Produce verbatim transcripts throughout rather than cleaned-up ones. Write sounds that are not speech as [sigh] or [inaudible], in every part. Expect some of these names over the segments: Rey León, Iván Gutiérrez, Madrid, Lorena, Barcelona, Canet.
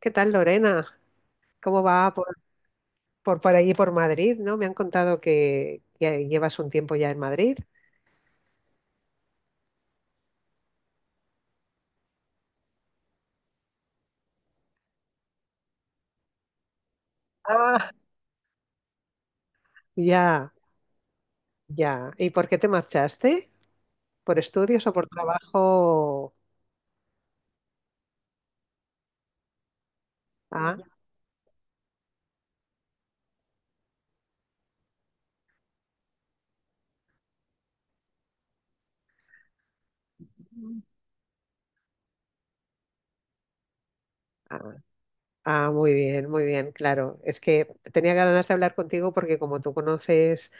¿Qué tal, Lorena? ¿Cómo va por, por, por ahí, por Madrid? ¿No? Me han contado que, que llevas un tiempo ya en Madrid. Ah, ya, ya. ¿Y por qué te marchaste? ¿Por estudios o por trabajo? Ah, ah, ah, muy bien, muy bien, claro. Es que tenía ganas de hablar contigo porque como tú conoces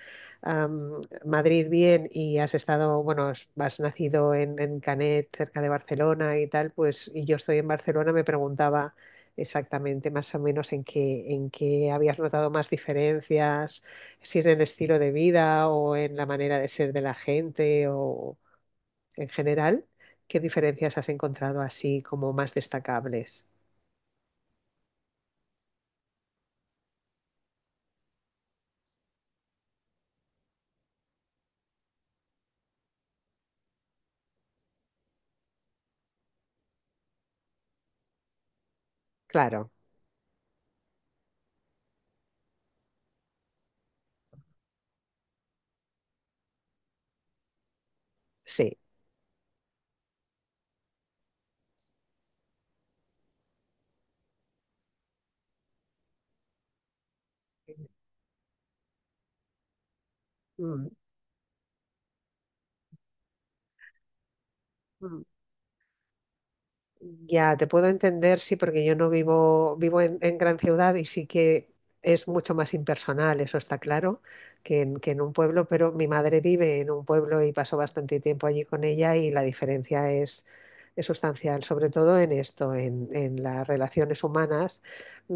am, Madrid bien y has estado, bueno, has, has nacido en, en Canet, cerca de Barcelona y tal, pues y yo estoy en Barcelona, me preguntaba exactamente más o menos en qué, en qué habías notado más diferencias, si en el estilo de vida o en la manera de ser de la gente o en general, ¿qué diferencias has encontrado así como más destacables? Claro, sí. Mm, mm. Ya, te puedo entender, sí, porque yo no vivo, vivo en, en gran ciudad y sí que es mucho más impersonal, eso está claro, que en, que en un pueblo, pero mi madre vive en un pueblo y pasó bastante tiempo allí con ella y la diferencia es, es sustancial, sobre todo en esto, en, en las relaciones humanas.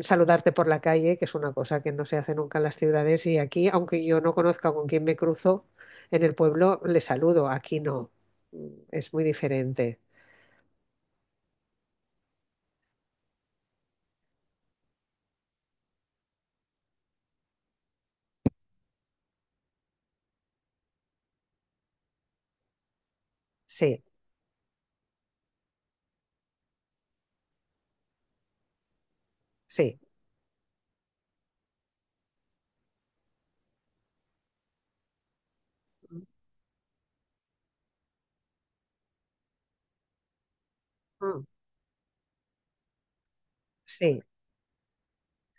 Saludarte por la calle, que es una cosa que no se hace nunca en las ciudades y aquí, aunque yo no conozca con quién me cruzo, en el pueblo le saludo, aquí no. Mm, es muy diferente. Sí, sí. Mm. Sí,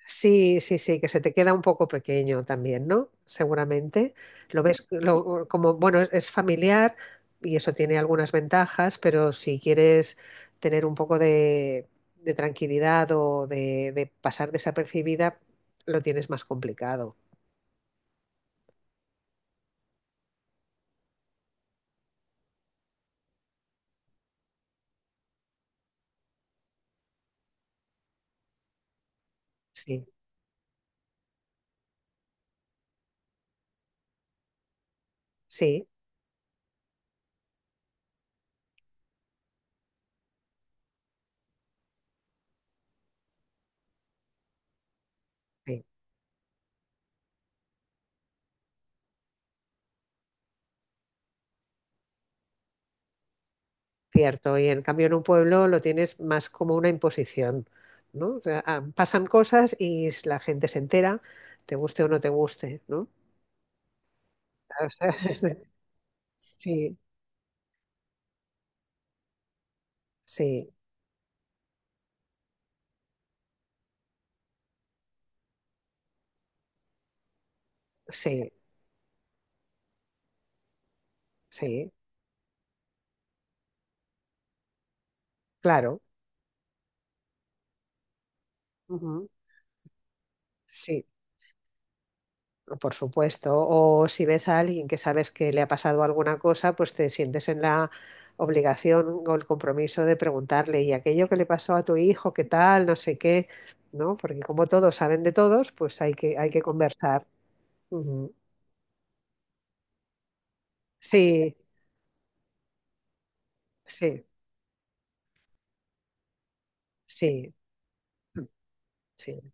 sí, sí, sí, que se te queda un poco pequeño también, ¿no? Seguramente. Lo ves lo- como, bueno, es, es familiar y eso tiene algunas ventajas, pero si quieres tener un poco de, de tranquilidad o de, de pasar desapercibida, lo tienes más complicado. Sí, sí, sí, cierto. Y en cambio en un pueblo lo tienes más como una imposición, ¿no? O sea, ah, pasan cosas y la gente se entera, te guste o no te guste, ¿no? O sea, [laughs] sí, sí, sí, sí, claro. Ujú. Sí, por supuesto. O si ves a alguien que sabes que le ha pasado alguna cosa, pues te sientes en la obligación o el compromiso de preguntarle, ¿y aquello que le pasó a tu hijo, qué tal, no sé qué? ¿No? Porque como todos saben de todos, pues hay que, hay que conversar. Ujú. Sí, sí, sí, sí,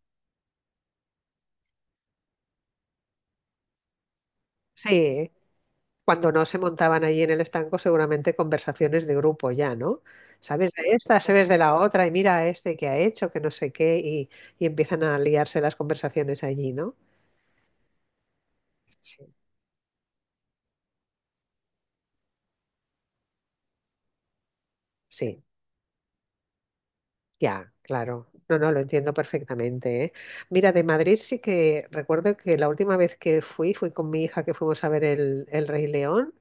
sí, cuando no se montaban allí en el estanco, seguramente conversaciones de grupo ya, ¿no? ¿Sabes de esta? ¿Sabes de la otra? Y mira a este que ha hecho, que no sé qué, y, y empiezan a liarse las conversaciones allí, ¿no? Sí. Sí, ya, claro. No, no, lo entiendo perfectamente, ¿eh? Mira, de Madrid sí que recuerdo que la última vez que fui, fui con mi hija que fuimos a ver el, el Rey León.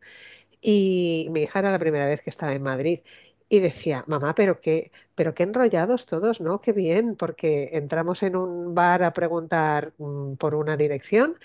Y mi hija era la primera vez que estaba en Madrid y decía, mamá, pero qué, pero qué enrollados todos, ¿no? Qué bien, porque entramos en un bar a preguntar mm, por una dirección.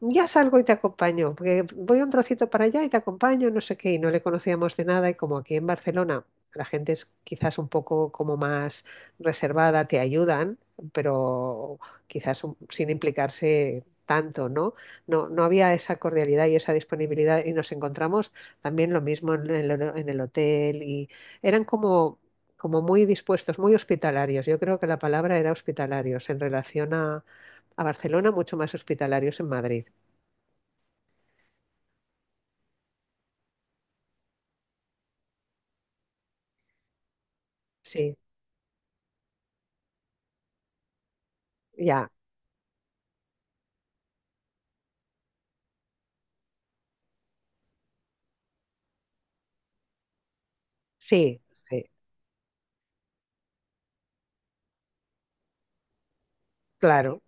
Ya salgo y te acompaño, porque voy un trocito para allá y te acompaño, no sé qué, y no le conocíamos de nada, y como aquí en Barcelona la gente es quizás un poco como más reservada, te ayudan, pero quizás un- sin implicarse tanto, ¿no? No, no había esa cordialidad y esa disponibilidad, y nos encontramos también lo mismo en el, en el hotel, y eran como... como muy dispuestos, muy hospitalarios. Yo creo que la palabra era hospitalarios en relación a, a Barcelona, mucho más hospitalarios en Madrid. Sí, ya, sí, sí, claro,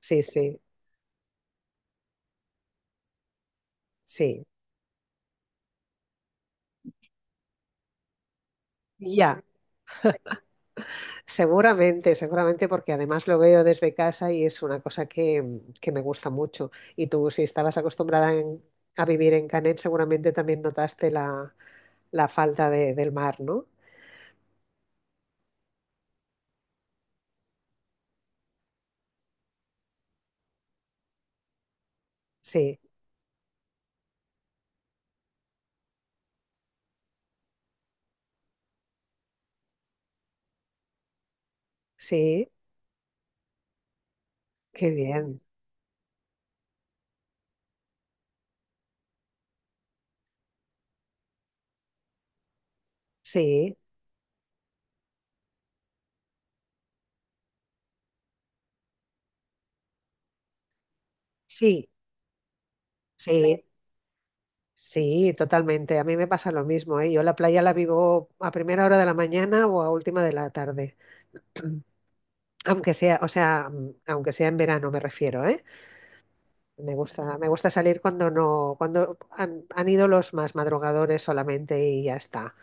sí, sí, sí, ya, seguramente, seguramente, porque además lo veo desde casa y es una cosa que, que me gusta mucho. Y tú, si estabas acostumbrada en- a vivir en Canet, seguramente también notaste la, la falta de- del mar, ¿no? Sí, sí, qué bien, sí, sí, sí. Sí, totalmente. A mí me pasa lo mismo, ¿eh? Yo la playa la vivo a primera hora de la mañana o a última de la tarde. Aunque sea, o sea, mm, aunque sea en verano me refiero, ¿eh? Me gusta, me gusta salir cuando no, cuando han, han ido los más madrugadores solamente y ya está.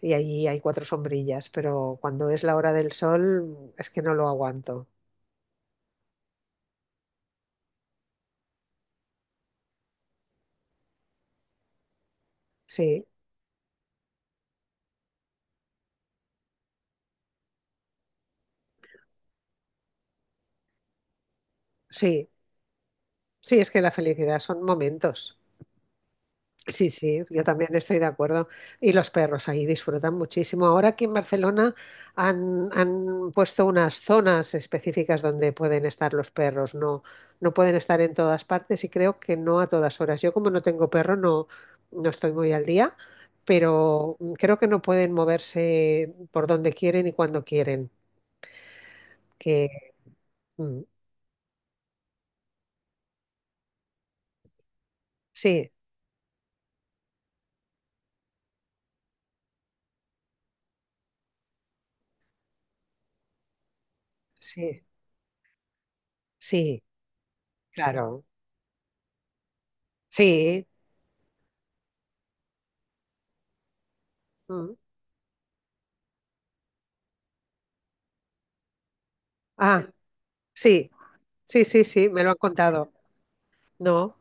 Y allí hay cuatro sombrillas, pero cuando es la hora del sol es que no lo aguanto. Sí, sí, sí, es que la felicidad son momentos. Sí, sí, yo también estoy de acuerdo. Y los perros ahí disfrutan muchísimo. Ahora aquí en Barcelona han, han puesto unas zonas específicas donde pueden estar los perros. No, no pueden estar en todas partes y creo que no a todas horas. Yo como no tengo perro no, no estoy muy al día, pero mm, creo que no pueden moverse por donde quieren y cuando quieren. Que mm, sí, sí, sí, claro. Sí. Mm. Ah, sí, sí, sí, sí, me lo han contado. No,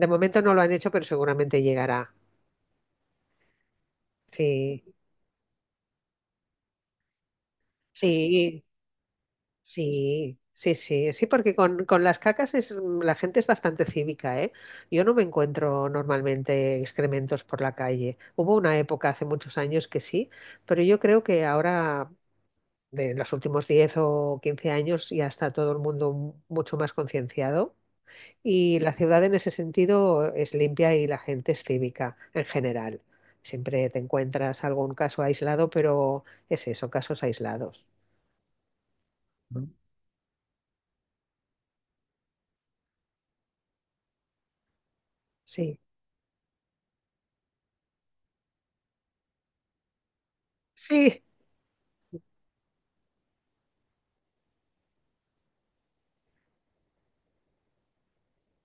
de momento no lo han hecho, pero seguramente llegará. Sí, sí, sí, sí, sí, sí, porque con, con las cacas es, la gente es bastante cívica, ¿eh? Yo no me encuentro normalmente excrementos por la calle. Hubo una época hace muchos años que sí, pero yo creo que ahora, de los últimos diez o quince años, ya está todo el mundo mucho más concienciado. Y la ciudad en ese sentido es limpia y la gente es cívica en general. Siempre te encuentras algún caso aislado, pero es eso, casos aislados. ¿No? Sí, sí,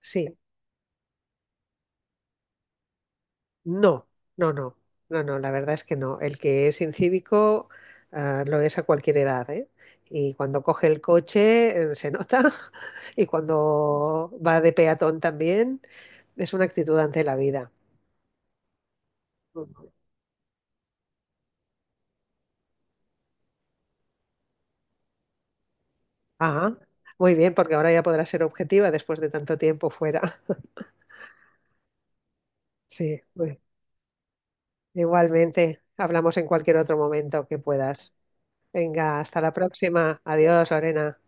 sí. No, no, no, no, no, la verdad es que no. El que es incívico, ah, lo es a cualquier edad, ¿eh? Y cuando coge el coche, eh, se nota. [laughs] Y cuando va de peatón también, es una actitud ante la vida. Ah, muy bien, porque ahora ya podrá ser objetiva después de tanto tiempo fuera. [laughs] Sí, muy- igualmente, hablamos en cualquier otro momento que puedas. Venga, hasta la próxima. Adiós, Lorena.